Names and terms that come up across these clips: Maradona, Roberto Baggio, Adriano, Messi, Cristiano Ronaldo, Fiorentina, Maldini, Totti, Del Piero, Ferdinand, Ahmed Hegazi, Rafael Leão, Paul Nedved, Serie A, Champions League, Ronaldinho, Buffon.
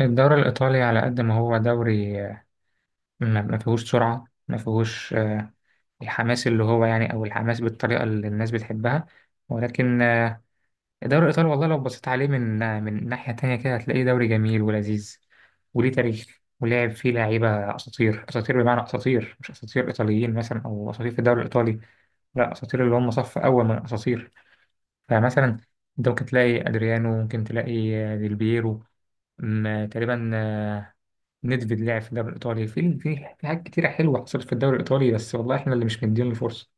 الدوري الإيطالي على قد ما هو دوري ما فيهوش سرعة ما فيهوش الحماس اللي هو يعني أو الحماس بالطريقة اللي الناس بتحبها. ولكن الدوري الإيطالي والله لو بصيت عليه من من ناحية تانية كده هتلاقيه دوري جميل ولذيذ وليه تاريخ ولعب فيه لعيبة أساطير أساطير، بمعنى أساطير، مش أساطير إيطاليين مثلا أو أساطير في الدوري الإيطالي، لا أساطير اللي هم صف أول من الأساطير. فمثلا أنت ممكن تلاقي أدريانو، ممكن تلاقي ديل بييرو. تقريبا ندفيد لعب في الدوري الإيطالي. في حاجات كتيرة حلوة حصلت في الدوري الإيطالي، بس والله إحنا اللي مش مديين له فرصة.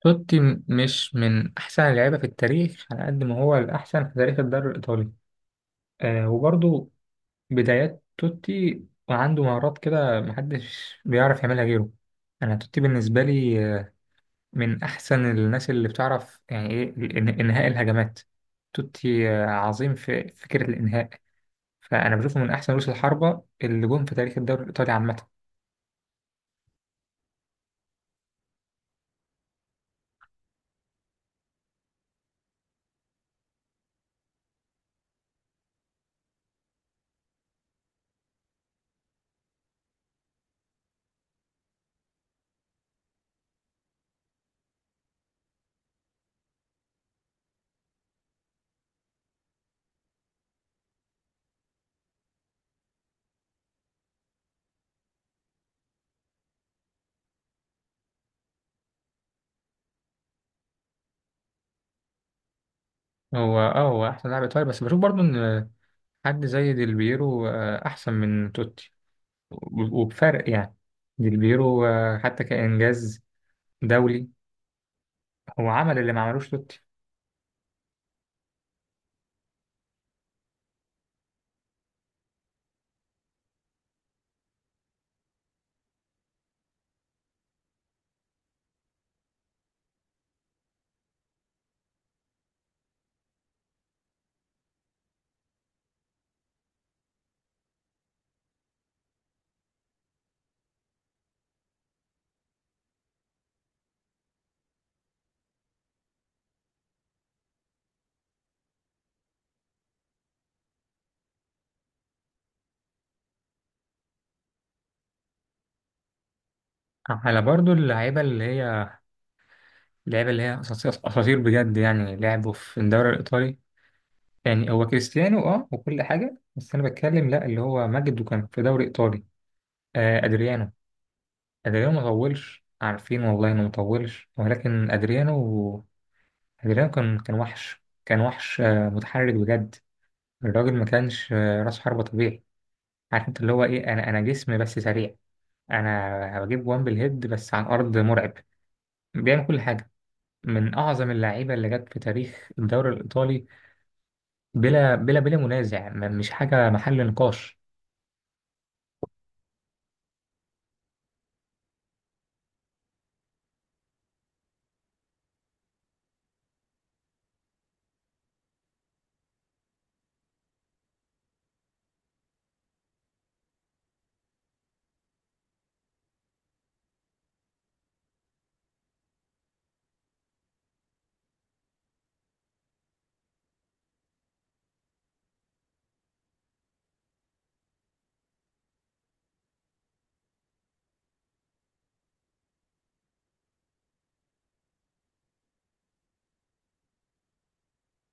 توتي مش من أحسن اللعيبة في التاريخ على قد ما هو الأحسن في تاريخ الدوري الإيطالي. آه وبرضه بدايات توتي وعنده مهارات كده محدش بيعرف يعملها غيره. أنا توتي بالنسبة لي من أحسن الناس اللي بتعرف يعني إيه إنهاء الهجمات. توتي عظيم في فكرة الإنهاء. فأنا بشوفه من أحسن رؤوس الحربة اللي جم في تاريخ الدوري الإيطالي عامة. هو اه هو احسن لاعب ايطالي، بس بشوف برضو ان حد زي ديل بيرو احسن من توتي وبفرق يعني. ديل بيرو حتى كانجاز دولي هو عمل اللي ما عملوش توتي. على برضو اللعيبه اللي هي، اللعيبه اللي هي اساطير أساطير بجد يعني لعبوا في الدوري الايطالي. يعني هو كريستيانو اه وكل حاجه، بس انا بتكلم لا اللي هو ماجد وكان في دوري ايطالي. آه ادريانو، ادريانو ما طولش، عارفين والله انه ما طولش، ولكن ادريانو جيران كان وحش، كان وحش متحرك بجد. الراجل ما كانش راس حربة طبيعي. عارف انت اللي هو ايه، انا جسم بس سريع. انا بجيب وان بالهيد، بس على الارض مرعب، بيعمل كل حاجة. من اعظم اللعيبة اللي جت في تاريخ الدوري الايطالي بلا بلا بلا منازع، مش حاجة محل نقاش.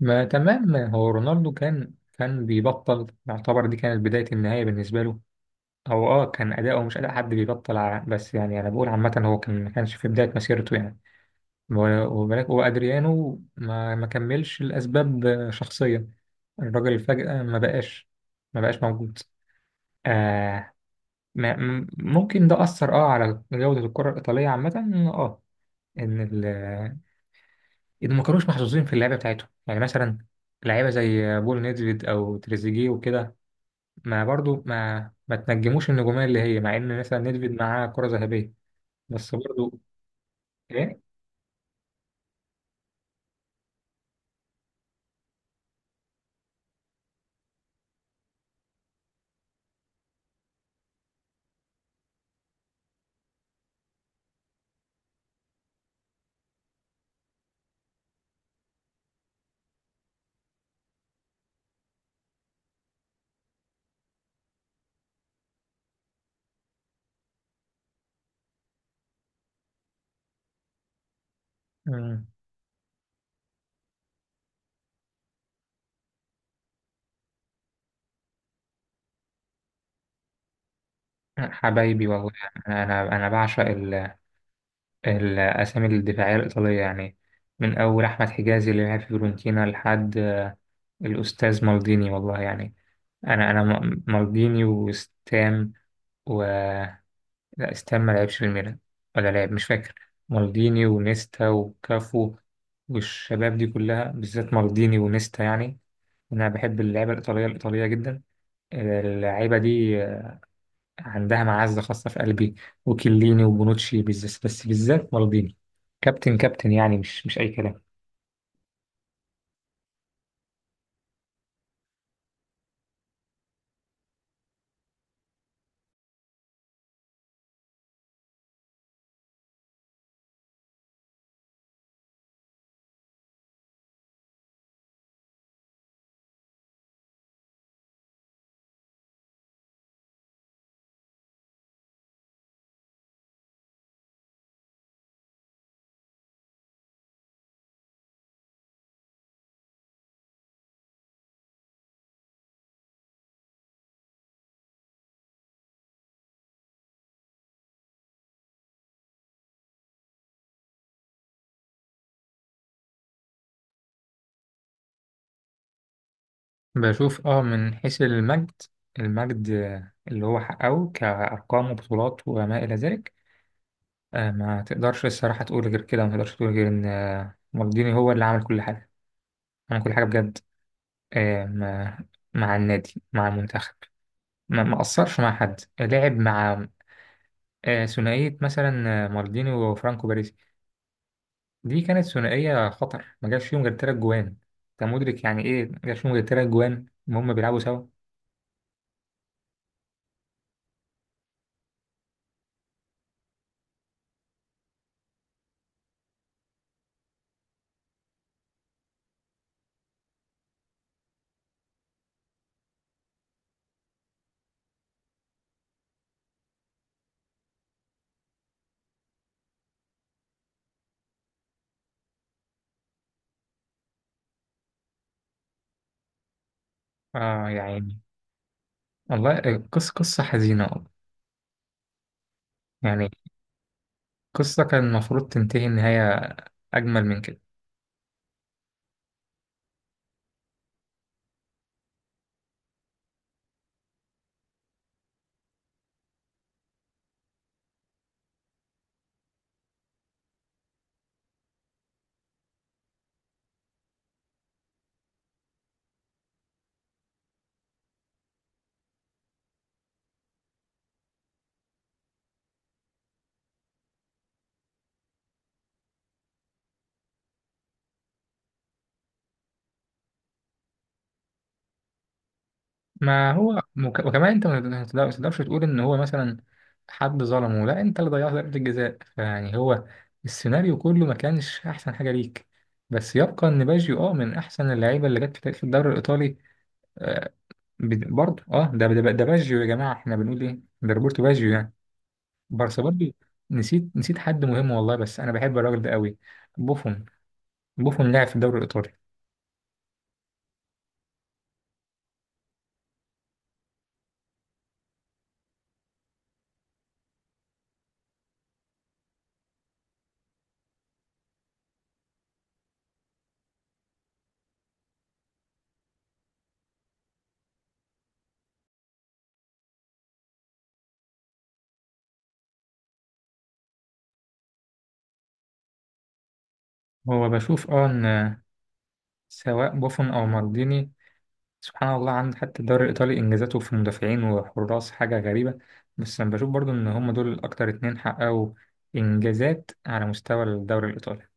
ما تمام، هو رونالدو كان بيبطل، يعتبر دي كانت بداية النهاية بالنسبة له. هو اه كان اداؤه مش اداء حد بيبطل بس يعني انا بقول عامة هو كان ما كانش في بداية مسيرته يعني. وبالك، وأدريانو ما كملش لأسباب شخصية. الراجل فجأة ما بقاش، ما بقاش موجود. آه، ما ممكن ده أثر اه على جودة الكرة الإيطالية عامة. اه، إن إن ما كانوش محظوظين في اللعبة بتاعتهم. يعني مثلا لعيبة زي بول نيدفيد أو تريزيجيه وكده ما برضو ما تنجموش النجومية اللي هي، مع إن مثلا نيدفيد معاه كرة ذهبية بس برضو. إيه. مم. حبايبي والله. أنا بعشق الأسامي الدفاعية الإيطالية يعني، من أول أحمد حجازي اللي لعب في فيورنتينا لحد الأستاذ مالديني والله يعني. أنا مالديني وستام و، لا ستام ما لعبش في الميلان، ولا لعب مش فاكر. مالديني ونيستا وكافو، والشباب دي كلها بالذات مالديني ونيستا يعني. أنا بحب اللعيبة الإيطالية الإيطالية جدا، اللعيبة دي عندها معزة خاصة في قلبي. وكليني وبونوتشي بالذات، بس بالذات مالديني. كابتن كابتن يعني، مش أي كلام. بشوف اه من حيث المجد، المجد اللي هو حققه كأرقام وبطولات وما إلى ذلك. ما تقدرش الصراحة تقول غير كده، ما تقدرش تقول غير إن مالديني هو اللي عمل كل حاجة. عمل كل حاجة بجد. مع، مع النادي مع المنتخب. ما قصرش مع حد. لعب مع ثنائية مثلا مالديني وفرانكو باريس. دي كانت ثنائية خطر. ما جاش فيهم غير تلات جوان. أنت مدرك يعني إيه ما جاش فيهم غير تلات جوان وهم بيلعبوا سوا. آه يعني، والله قصة، قصة حزينة والله يعني. قصة كان المفروض تنتهي نهاية أجمل من كده. ما هو وكمان أنت ما ما تقدرش تقول إن هو مثلا حد ظلمه، لا أنت اللي ضيعت ضربة الجزاء، فيعني هو السيناريو كله ما كانش أحسن حاجة ليك. بس يبقى إن باجيو أه من أحسن اللعيبة اللي جت في تاريخ الدوري الإيطالي. آه، برضه اه ده باجيو يا جماعه، احنا بنقول ايه، ده روبرتو باجيو يعني. بارسا برضه. نسيت، نسيت حد مهم والله بس انا بحب الراجل ده قوي. بوفون. بوفون لعب في الدوري الايطالي. هو بشوف اه ان سواء بوفون او مالديني، سبحان الله عنده حتى الدوري الايطالي انجازاته في مدافعين وحراس حاجه غريبه. بس انا بشوف برضه ان هم دول اكتر اتنين حققوا انجازات على مستوى الدوري الايطالي.